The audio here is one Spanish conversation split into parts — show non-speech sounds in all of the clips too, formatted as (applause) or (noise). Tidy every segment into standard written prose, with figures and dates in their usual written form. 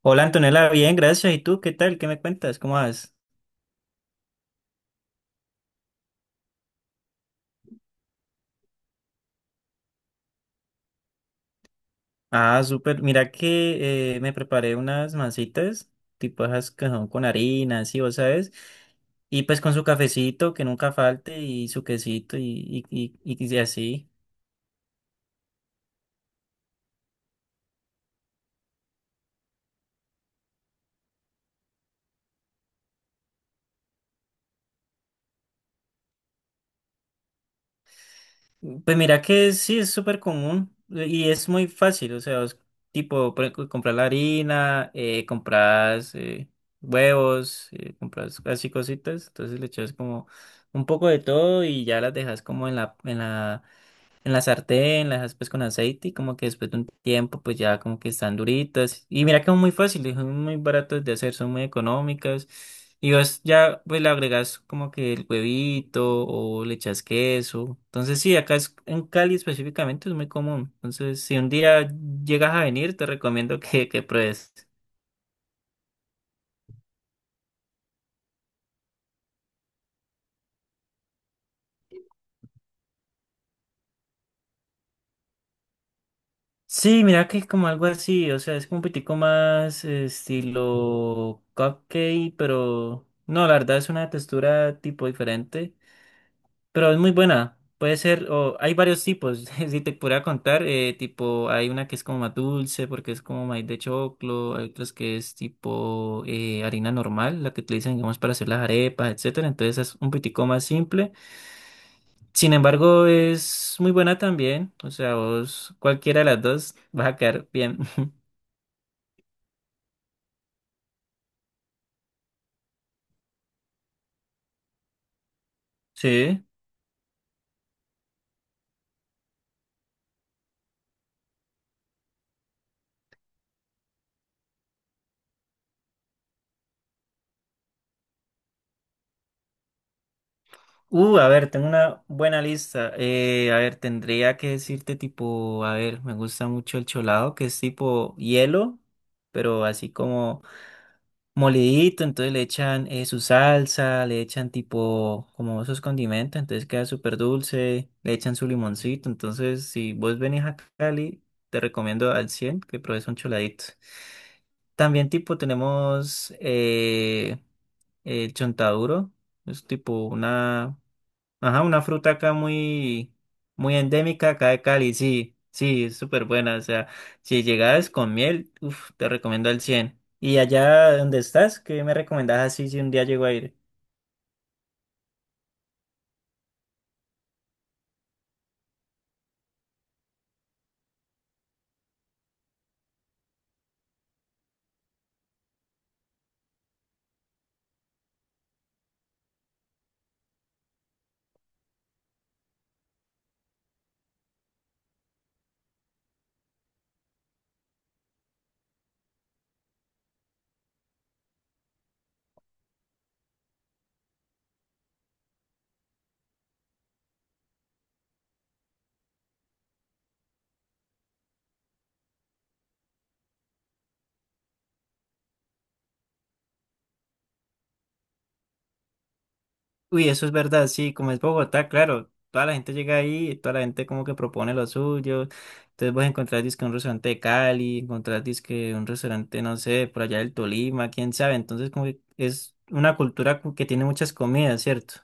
Hola Antonella, bien, gracias. ¿Y tú qué tal? ¿Qué me cuentas? ¿Cómo vas? Ah, súper. Mira que me preparé unas mancitas, tipo esas que son con harina, sí, vos sabes. Y pues con su cafecito, que nunca falte, y su quesito, y así. Pues mira que sí es súper común y es muy fácil, o sea, es tipo por ejemplo, comprar la harina, compras huevos, compras así cositas, entonces le echas como un poco de todo y ya las dejas como en la sartén, las aspas con aceite y como que después de un tiempo pues ya como que están duritas. Y mira que son muy fáciles, son muy baratas de hacer, son muy económicas. Y vos ya pues le agregas como que el huevito o le echas queso. Entonces sí, acá es, en Cali específicamente es muy común. Entonces si un día llegas a venir te recomiendo que pruebes. Sí, mira que es como algo así, o sea, es como un poquitico más estilo cupcake, pero no, la verdad es una textura tipo diferente. Pero es muy buena. Puede ser, o hay varios tipos. (laughs) Si te pudiera contar, tipo, hay una que es como más dulce, porque es como maíz de choclo, hay otras que es tipo harina normal, la que utilizan, digamos, para hacer las arepas, etcétera. Entonces es un poquitico más simple. Sin embargo, es muy buena también. O sea, vos, cualquiera de las dos, vas a quedar bien. (laughs) Sí. A ver, tengo una buena lista. A ver, tendría que decirte tipo, a ver, me gusta mucho el cholado, que es tipo hielo, pero así como molidito, entonces le echan su salsa, le echan tipo como esos condimentos, entonces queda súper dulce, le echan su limoncito, entonces si vos venís a Cali, te recomiendo al 100 que pruebes un choladito. También tipo tenemos el chontaduro, es tipo una... Ajá, una fruta acá muy endémica acá de Cali, sí, sí, es súper buena. O sea, si llegas con miel, uf, te recomiendo el 100. ¿Y allá donde estás? ¿Qué me recomendás así si un día llego a ir? Uy, eso es verdad, sí, como es Bogotá, claro, toda la gente llega ahí, toda la gente como que propone lo suyo. Entonces vas a encontrar dizque un restaurante de Cali, encontrar dizque un restaurante, no sé, por allá del Tolima, quién sabe. Entonces como que es una cultura cu- que tiene muchas comidas, ¿cierto?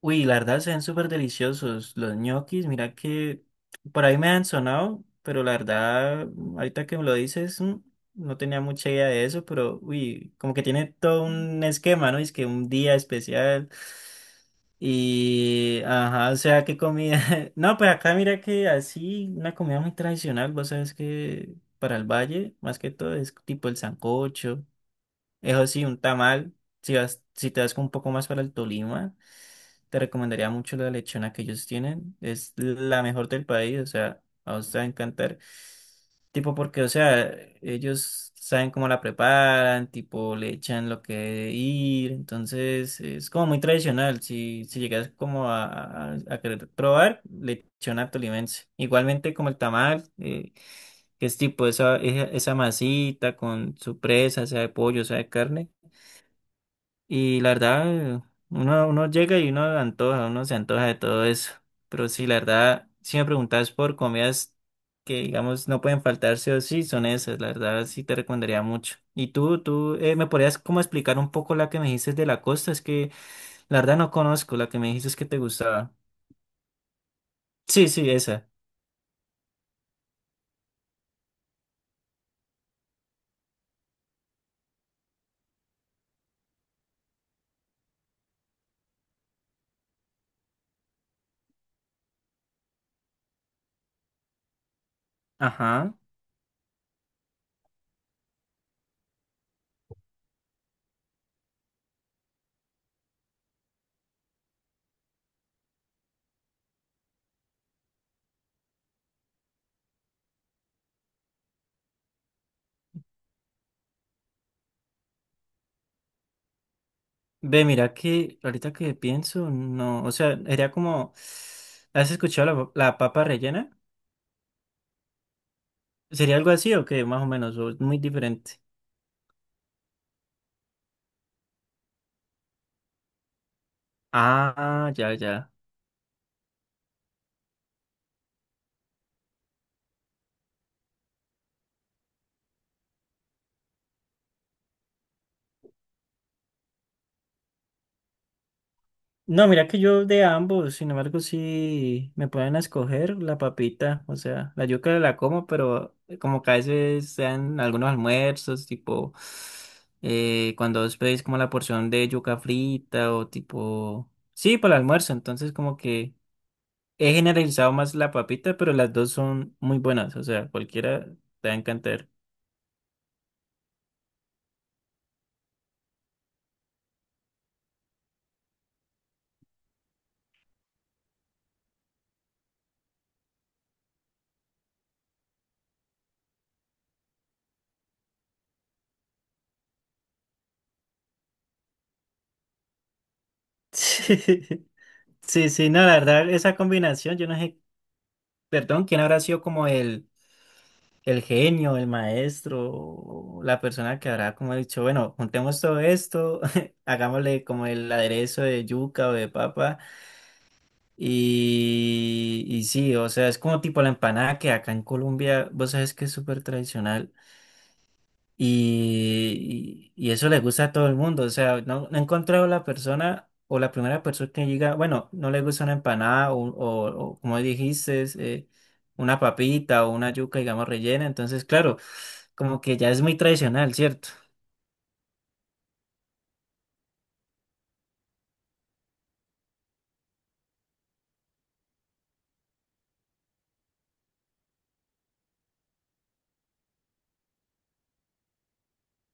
Uy, la verdad se ven súper deliciosos los ñoquis. Mira que por ahí me han sonado, pero la verdad, ahorita que me lo dices, no tenía mucha idea de eso, pero uy, como que tiene todo un esquema, ¿no? Es que un día especial y, ajá, o sea, qué comida. (laughs) No, pues acá mira que así, una comida muy tradicional, vos sabes que para el valle, más que todo, es tipo el sancocho, eso sí, un tamal, si vas, si te vas un poco más para el Tolima. Te recomendaría mucho la lechona que ellos tienen. Es la mejor del país, o sea, a usted va a encantar. Tipo porque, o sea, ellos saben cómo la preparan, tipo le echan lo que debe ir. Entonces, es como muy tradicional. Si, si llegas como a querer probar, lechona tolimense. Igualmente como el tamal, que es tipo esa masita con su presa, sea de pollo, sea de carne. Y la verdad, uno llega y uno antoja, uno se antoja de todo eso. Pero sí, la verdad, si me preguntas por comidas que, digamos, no pueden faltar sí o sí, son esas. La verdad, sí te recomendaría mucho. Y tú, ¿me podrías como explicar un poco la que me dijiste de la costa? Es que la verdad no conozco, la que me dijiste es que te gustaba. Sí, sí, esa. Ajá. Ve, mira que ahorita que pienso, no, o sea, era como, ¿has escuchado la papa rellena? ¿Sería algo así o qué? Más o menos, o es muy diferente. Ah, ya, ya. No, mira que yo de ambos, sin embargo, sí me pueden escoger la papita, o sea, la yuca la como, pero como que a veces sean algunos almuerzos, tipo, cuando os pedís como la porción de yuca frita o tipo, sí, para el almuerzo, entonces como que he generalizado más la papita, pero las dos son muy buenas, o sea, cualquiera te va a encantar. (laughs) Sí, sí, no, la verdad, esa combinación, yo no sé, perdón, quién habrá sido como el genio, el maestro, o la persona que habrá como dicho, bueno, juntemos todo esto, (laughs) hagámosle como el aderezo de yuca o de papa, y sí, o sea, es como tipo la empanada que acá en Colombia, vos sabes que es súper tradicional. Y eso le gusta a todo el mundo. O sea, no he encontrado la persona o la primera persona que diga, bueno, no le gusta una empanada o como dijiste, es, una papita o una yuca, digamos, rellena. Entonces, claro, como que ya es muy tradicional, ¿cierto?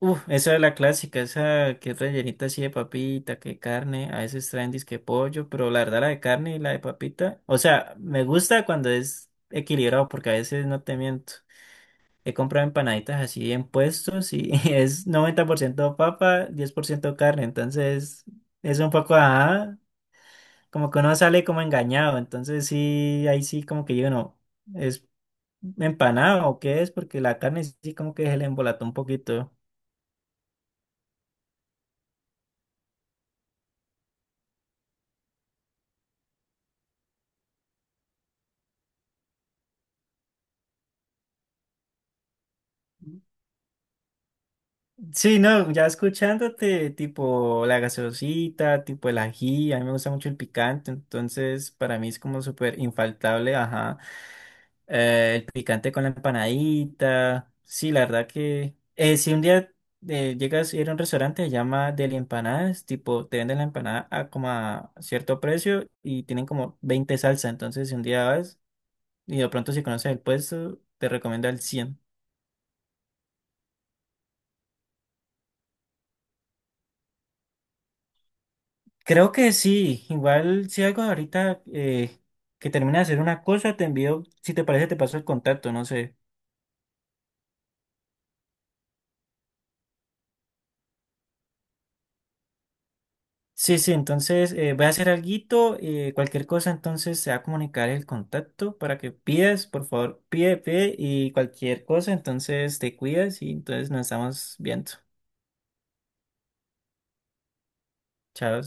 Uf, esa es la clásica, esa que es rellenita así de papita, que carne, a veces traen disque pollo, pero la verdad la de carne y la de papita, o sea, me gusta cuando es equilibrado porque a veces no te miento. He comprado empanaditas así en puestos y (laughs) es 90% papa, 10% carne, entonces es un poco, ajá, como que uno sale como engañado, entonces sí, ahí sí como que yo no, ¿es empanado o qué es? Porque la carne sí como que se le embolató un poquito. Sí, no, ya escuchándote, tipo la gaseosita, tipo el ají, a mí me gusta mucho el picante, entonces para mí es como súper infaltable, ajá, el picante con la empanadita, sí, la verdad que, si un día llegas a ir a un restaurante, se llama Deli Empanadas, tipo te venden la empanada a como a cierto precio y tienen como 20 salsa, entonces si un día vas y de pronto si conoces el puesto, te recomiendo al 100. Creo que sí, igual si algo ahorita que termine de hacer una cosa, te envío, si te parece, te paso el contacto, no sé. Sí, sí, entonces voy a hacer alguito, cualquier cosa, entonces se va a comunicar el contacto para que pidas, por favor, pide y cualquier cosa, entonces te cuidas y entonces nos estamos viendo. Chao.